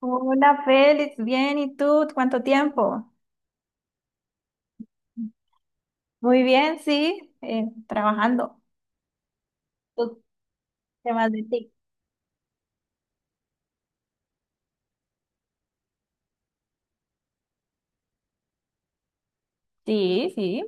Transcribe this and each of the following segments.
Hola Félix, bien, ¿y tú? ¿Cuánto tiempo? Muy bien, sí, trabajando. ¿Tú qué más de ti? Sí, sí.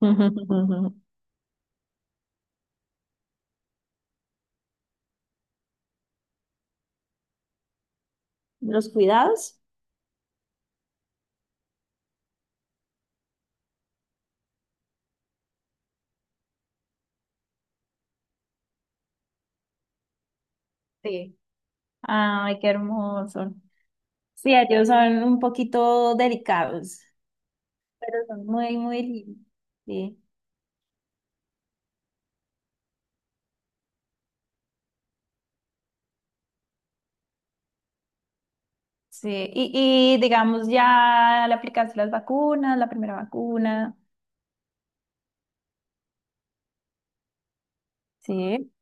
Los cuidados, sí. Ay, qué hermoso. Sí, ellos son un poquito delicados, pero son muy, muy lindos. Sí, sí. Y digamos, ya le aplicaste las vacunas, la primera vacuna. Sí.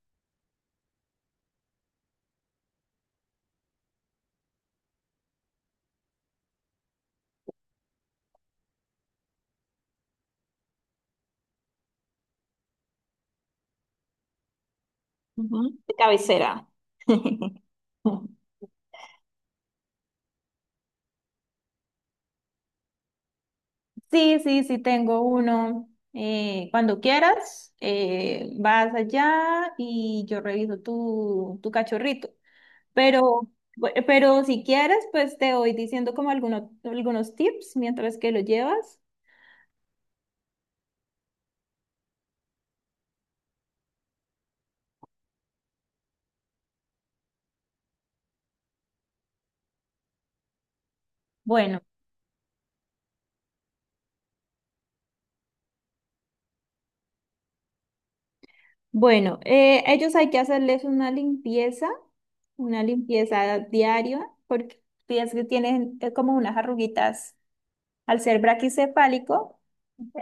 Ujú. De cabecera. Sí, sí, sí, tengo uno. Cuando quieras, vas allá y yo reviso tu cachorrito. Pero, pero si quieres, pues te voy diciendo como algunos tips mientras que lo llevas. Bueno, bueno, ellos hay que hacerles una limpieza diaria, porque piensas que tienen como unas arruguitas al ser braquicefálico.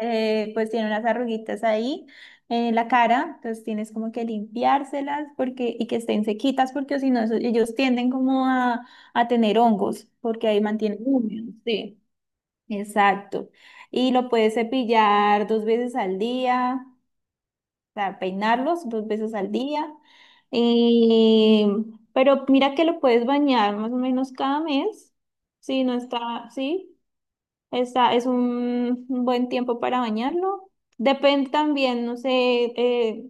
Pues tiene unas arruguitas ahí en la cara, entonces tienes como que limpiárselas porque, y que estén sequitas porque si no, ellos tienden como a tener hongos porque ahí mantienen húmedo, sí, exacto. Y lo puedes cepillar dos veces al día, o sea, peinarlos dos veces al día. Y, pero mira que lo puedes bañar más o menos cada mes, si no está, sí. Es un buen tiempo para bañarlo. Depende también, no sé, eh,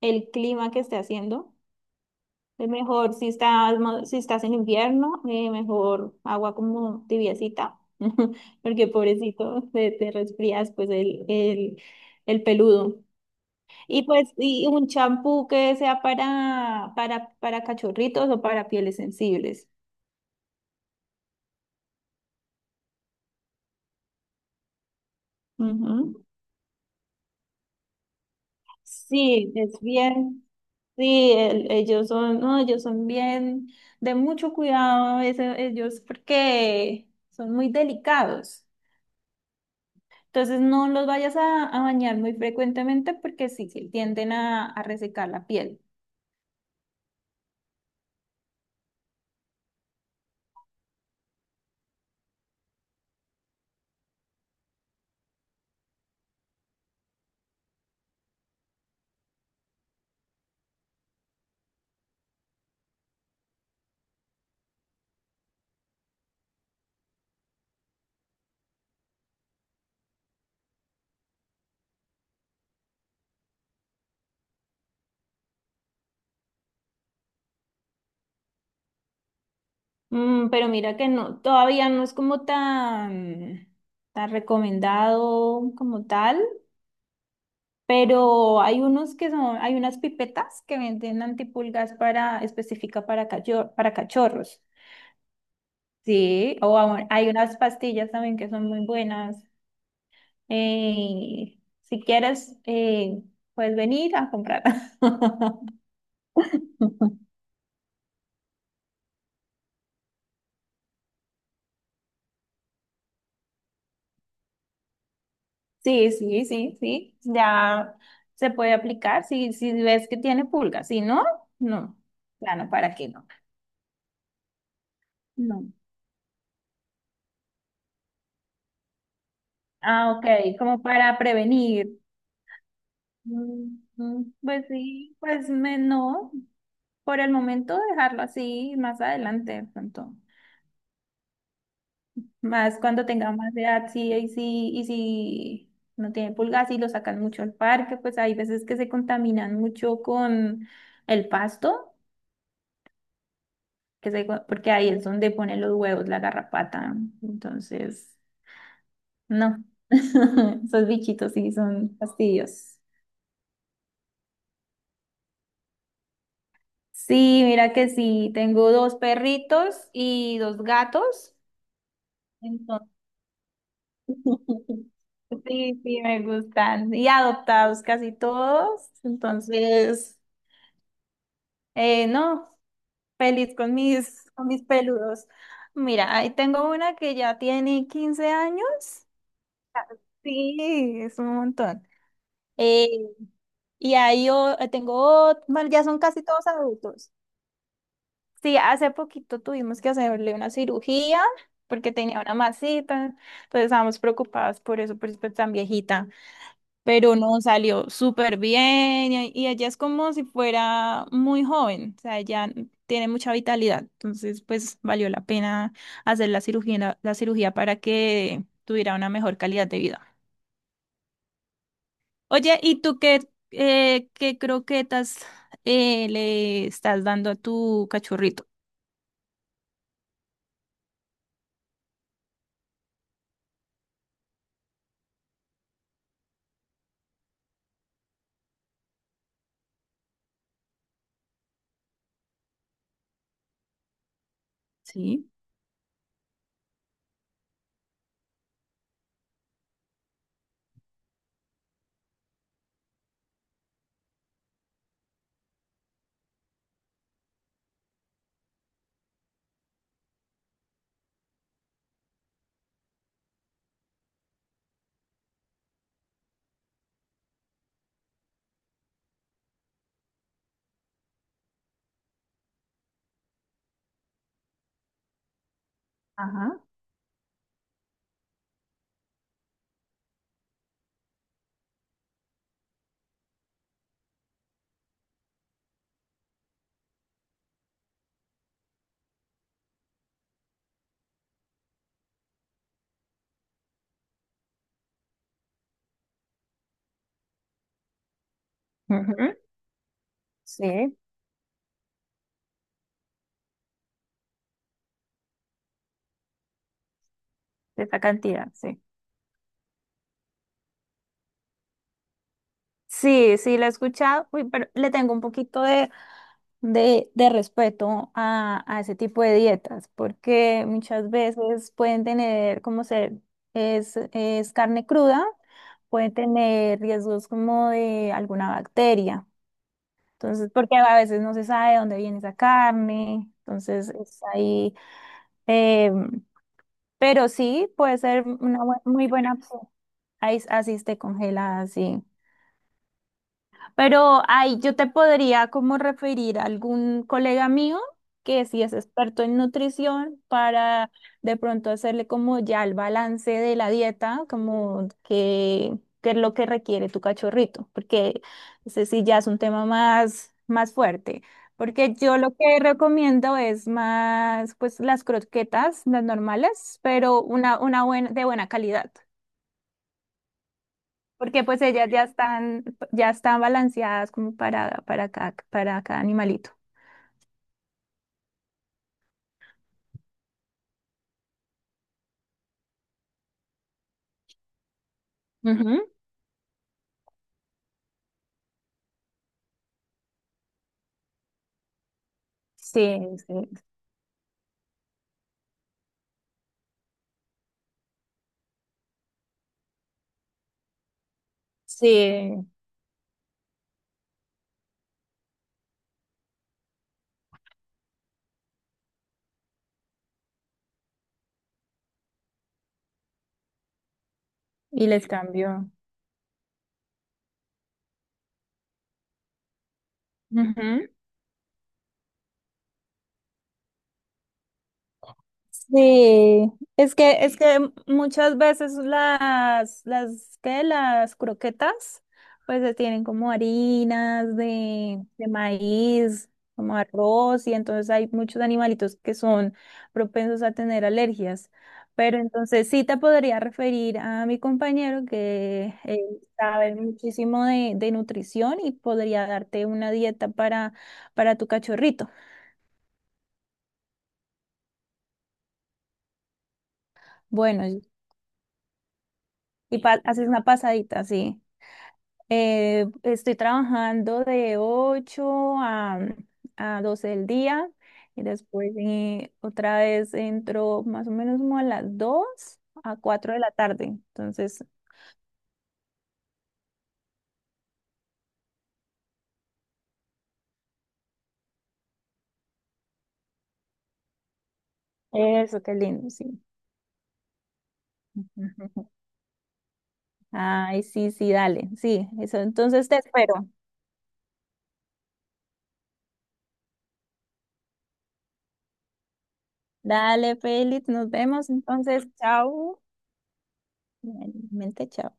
el clima que esté haciendo. Es mejor si estás en invierno, mejor agua como tibiecita, porque pobrecito, te resfrías pues el peludo. Y un champú que sea para cachorritos o para pieles sensibles. Ujú. Sí, es bien. Sí, ellos son, no, ellos son bien de mucho cuidado, a veces ellos porque son muy delicados. Entonces no los vayas a bañar muy frecuentemente porque sí tienden a resecar la piel. Mm, pero mira que no, todavía no es como tan recomendado como tal, pero hay unas pipetas que venden antipulgas específica para cachorros. Sí, o hay unas pastillas también que son muy buenas. Eh, si quieres, puedes venir a comprarlas. Sí, sí, sí, sí. Ya se puede aplicar si ves que tiene pulgas. Si no, no. Claro, ¿para qué no? No. Ah, ok, como para prevenir. Pues sí, no. Por el momento dejarlo así, más adelante de pronto. Más cuando tenga más edad, sí, y si no tiene pulgas y lo sacan mucho al parque, pues hay veces que se contaminan mucho con el pasto, porque ahí es donde ponen los huevos, la garrapata. Entonces, no. Esos bichitos sí son fastidios. Sí, mira que sí, tengo dos perritos y dos gatos. Entonces, sí, sí, me gustan. Y adoptados casi todos. Entonces. No, feliz con mis peludos. Mira, ahí tengo una que ya tiene 15 años. Sí, es un montón. Eh, tengo, bueno, ya son casi todos adultos. Sí, hace poquito tuvimos que hacerle una cirugía porque tenía una masita, entonces estábamos preocupadas por eso es tan viejita. Pero no salió súper bien y ella es como si fuera muy joven, o sea, ella tiene mucha vitalidad, entonces pues valió la pena hacer la cirugía para que tuviera una mejor calidad de vida. Oye, ¿y tú qué croquetas le estás dando a tu cachorrito? Sí, ajá, ujú, sí. De esa cantidad, sí. Sí, sí, la he escuchado. Uy, pero le tengo un poquito de de respeto a ese tipo de dietas, porque muchas veces pueden tener, como se es carne cruda, puede tener riesgos como de alguna bacteria. Entonces, porque a veces no se sabe de dónde viene esa carne, entonces es ahí, em, pero sí puede ser una muy buena opción. Ahí, así esté congelada, sí. Pero ahí yo te podría como referir a algún colega mío que sí es experto en nutrición para de pronto hacerle como ya el balance de la dieta, como que es lo que requiere tu cachorrito, porque ese sí ya es un tema más fuerte. Porque yo lo que recomiendo es más, pues las croquetas, las normales, pero una buena, de buena calidad. Porque pues ellas ya están balanceadas como para cada animalito. Ujú. Sí, sí, sí, y les cambió. Ujú. Sí, es que muchas veces ¿qué? Las croquetas, pues se tienen como harinas de maíz, como arroz, y entonces hay muchos animalitos que son propensos a tener alergias. Pero entonces sí te podría referir a mi compañero que sabe muchísimo de nutrición y podría darte una dieta para tu cachorrito. Bueno, haces una pasadita, sí. Estoy trabajando de 8 a 12 del día y después otra vez entro más o menos como a las 2 a 4 de la tarde. Entonces, eso, qué lindo, sí. Ay, sí, sí, dale, sí, eso. Entonces te espero. Dale, Félix, nos vemos. Entonces, chao. Realmente, chao.